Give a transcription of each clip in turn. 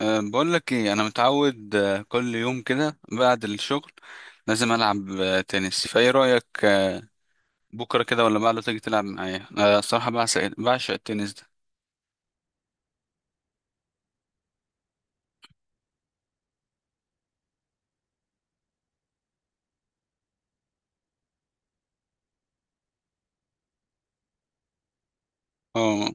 بقول لك ايه، انا متعود، كل يوم كده بعد الشغل لازم العب، تنس، فايه رايك؟ بكره كده ولا بعده تيجي تلعب معايا؟ الصراحه بعشق، التنس ده. اه،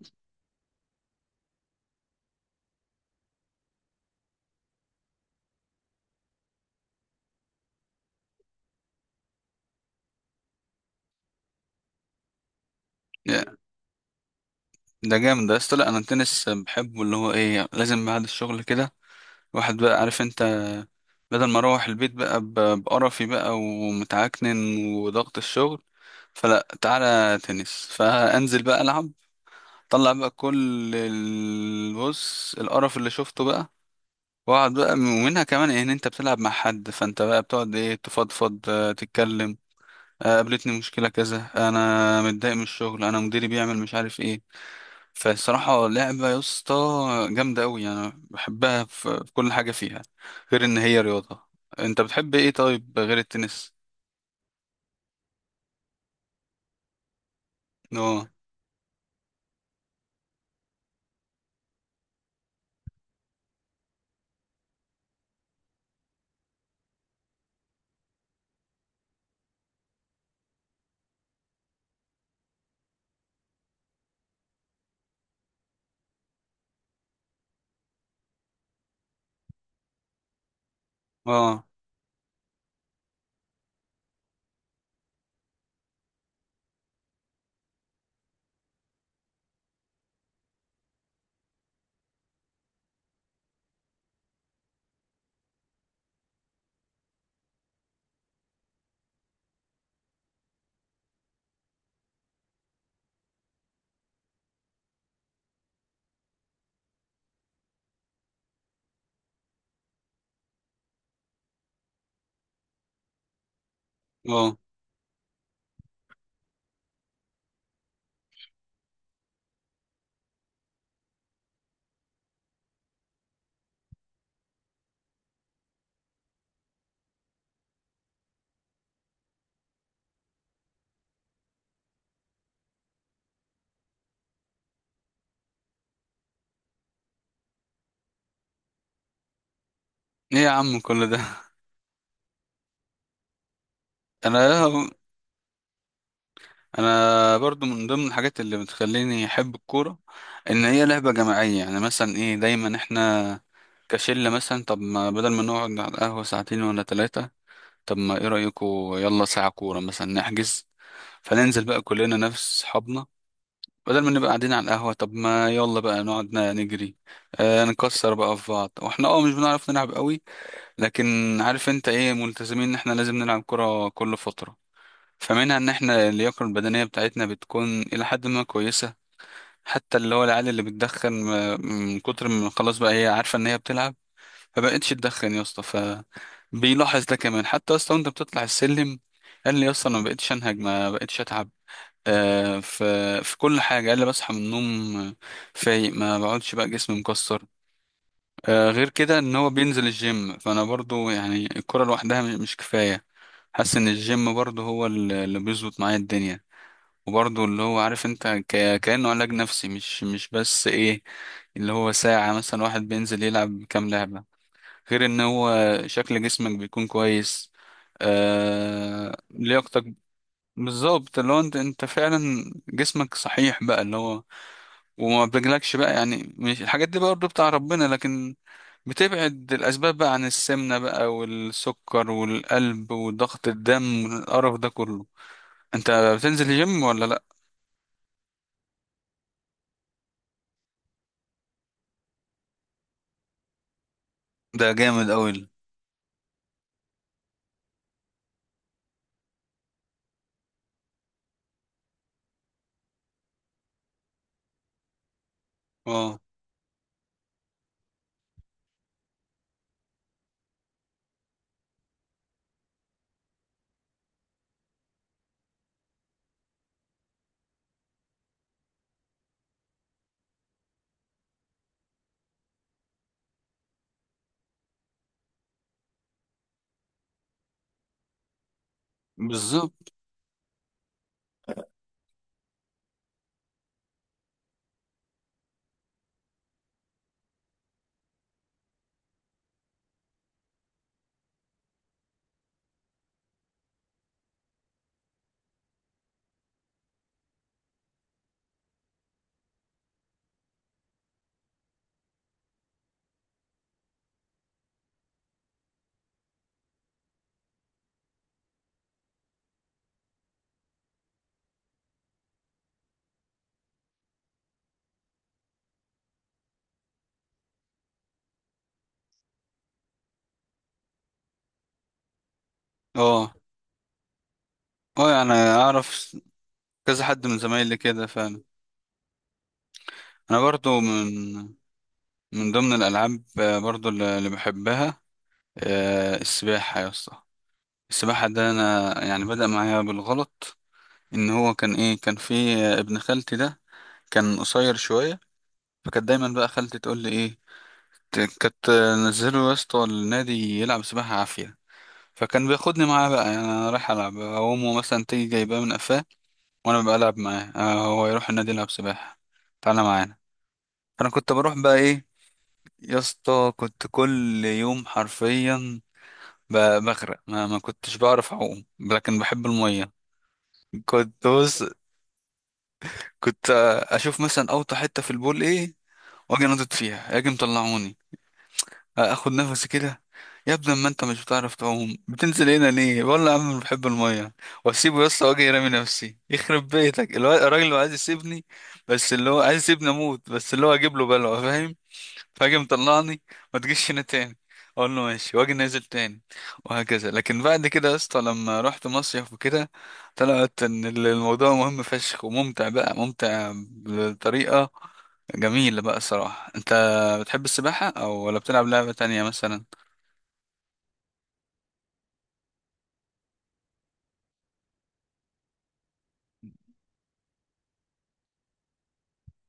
ده جامد ده، اصل لا انا التنس بحبه، اللي هو ايه، لازم بعد الشغل كده واحد بقى، عارف انت، بدل ما اروح البيت بقى بقرفي بقى ومتعكنن وضغط الشغل، فلا، تعالى تنس، فانزل بقى العب، طلع بقى كل البص القرف اللي شفته بقى، واقعد بقى. ومنها كمان ان انت بتلعب مع حد، فانت بقى بتقعد تفضفض، تتكلم، قابلتني مشكلة كذا، انا متضايق من الشغل، انا مديري بيعمل مش عارف ايه. فالصراحة لعبة يا اسطى جامدة قوي، انا بحبها في كل حاجة فيها، غير ان هي رياضة. انت بتحب ايه طيب غير التنس؟ اه. اه. اه. ايه يا عم كل ده؟ انا، انا برضو من ضمن الحاجات اللي بتخليني احب الكوره ان هي لعبه جماعيه، يعني مثلا ايه، دايما احنا كشله مثلا، طب ما بدل ما نقعد على القهوه ساعتين ولا ثلاثه، طب ما ايه رايكم، يلا ساعه كوره مثلا نحجز، فننزل بقى كلنا نفس صحابنا، بدل ما نبقى قاعدين على القهوه، طب ما يلا بقى نقعد، نجري، آه نكسر بقى في بعض، واحنا اه مش بنعرف نلعب قوي، لكن عارف انت ايه، ملتزمين ان احنا لازم نلعب كوره كل فتره، فمنها ان احنا اللياقه البدنيه بتاعتنا بتكون الى حد ما كويسه. حتى اللي هو العيال اللي بتدخن، من كتر ما خلاص بقى هي عارفه ان هي بتلعب، فبقتش تدخن يا اسطى، فبيلاحظ ده كمان حتى يا اسطى، وانت بتطلع السلم قال لي يا اسطى انا ما بقتش انهج، ما بقتش اتعب، آه في، في كل حاجه. قال لي بصحى من النوم فايق، ما بقعدش بقى جسمي مكسر، آه. غير كده ان هو بينزل الجيم، فانا برضو يعني الكره لوحدها مش، مش كفايه، حاسس ان الجيم برضو هو اللي بيظبط معايا الدنيا، وبرضه اللي هو عارف انت، ك... كأنه علاج نفسي، مش، مش بس ايه، اللي هو ساعة مثلا واحد بينزل يلعب كام لعبة، غير ان هو شكل جسمك بيكون كويس، آه... لياقتك، بالظبط، اللي هو انت، فعلا جسمك صحيح بقى، اللي هو وما بيجيلكش بقى، يعني مش الحاجات دي برضه بتاع ربنا، لكن بتبعد الأسباب بقى عن السمنة بقى والسكر والقلب وضغط الدم والقرف ده كله. انت بتنزل الجيم ولا لأ؟ ده جامد أوي. اه. بالظبط. اه. اه يعني اعرف كذا حد من زمايلي كده فعلا. انا برضو من، من ضمن الالعاب برضو اللي بحبها، السباحه يا اسطى. السباحه ده انا يعني بدأ معايا بالغلط، ان هو كان ايه، كان في ابن خالتي ده، كان قصير شويه، فكانت دايما بقى خالتي تقول لي ايه، كانت نزله يا اسطى النادي يلعب سباحه عافيه، فكان بياخدني معاه بقى، يعني انا رايح العب، امه مثلا تيجي جايباه من قفاه وانا بلعب معاه، هو يروح النادي يلعب سباحة، تعالى معانا. فانا كنت بروح بقى ايه، يا اسطى كنت كل يوم حرفيا بغرق، ما كنتش بعرف اعوم، لكن بحب المية، كنت بص، كنت اشوف مثلا اوطى حتة في البول ايه، واجي نطط فيها، اجي مطلعوني، اخد نفسي كده، يا ابني ما انت مش بتعرف تعوم، بتنزل هنا ليه؟ والله يا عم أنا بحب الميه، واسيبه يا اسطى واجي رامي نفسي، يخرب بيتك الراجل اللي عايز يسيبني، بس اللي هو عايز يسيبني اموت، بس اللي هو اجيب له بلوه، فاهم؟ فاجي مطلعني، ما تجيش هنا تاني، اقول له ماشي، واجي نازل تاني، وهكذا. لكن بعد كده يا اسطى لما رحت مصيف وكده، طلعت ان الموضوع مهم فشخ وممتع، بقى ممتع بطريقه جميل بقى، الصراحة. انت بتحب السباحة او ولا بتلعب لعبة تانية مثلا؟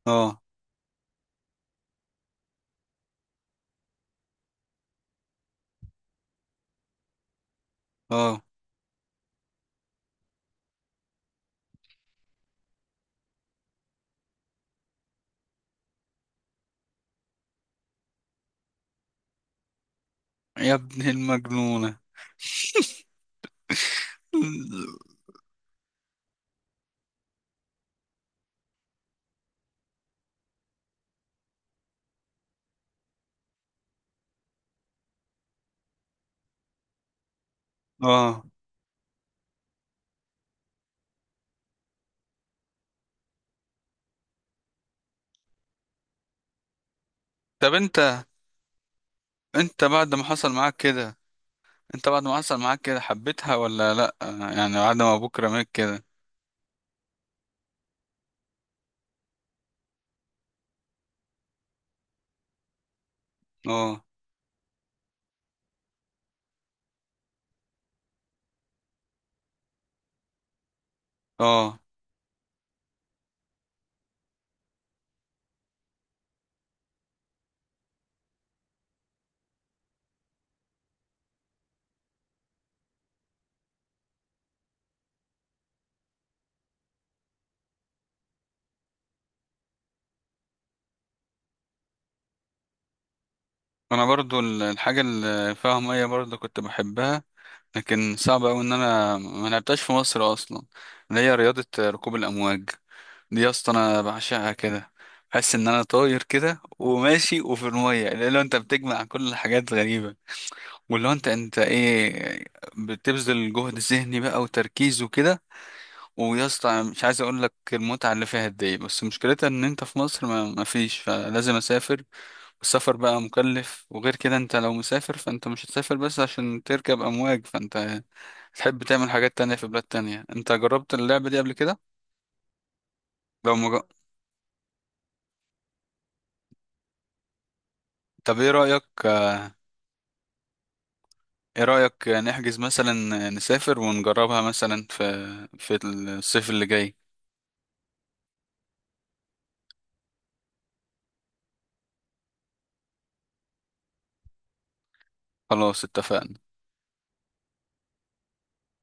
اه. اه. يا ابن المجنونة. اه. طب انت، انت بعد ما حصل معاك كده انت بعد ما حصل معاك كده حبيتها ولا لا؟ يعني بعد ما ابوك رماك كده. اه. اه. انا برضو الحاجة اللي فيها مية برضو كنت بحبها، لكن صعب اوي ان انا ما لعبتهاش في مصر اصلا، اللي هي رياضة ركوب الامواج، دي يا اسطى انا بعشقها كده، بحس ان انا طاير كده وماشي، وفي الميه لو انت بتجمع كل الحاجات غريبه، واللي هو انت، ايه، بتبذل جهد ذهني بقى وتركيز وكده، ويا اسطى أنا مش عايز اقول لك المتعه اللي فيها قد ايه، بس مشكلتها ان انت في مصر ما، ما فيش، فلازم اسافر، والسفر بقى مكلف، وغير كده انت لو مسافر فانت مش هتسافر بس عشان تركب امواج، فانت تحب تعمل حاجات تانية في بلاد تانية. انت جربت اللعبه دي قبل كده؟ لو مج... طب ايه رأيك، ايه رأيك نحجز مثلا، نسافر ونجربها مثلا في، في الصيف اللي جاي؟ خلاص اتفقنا.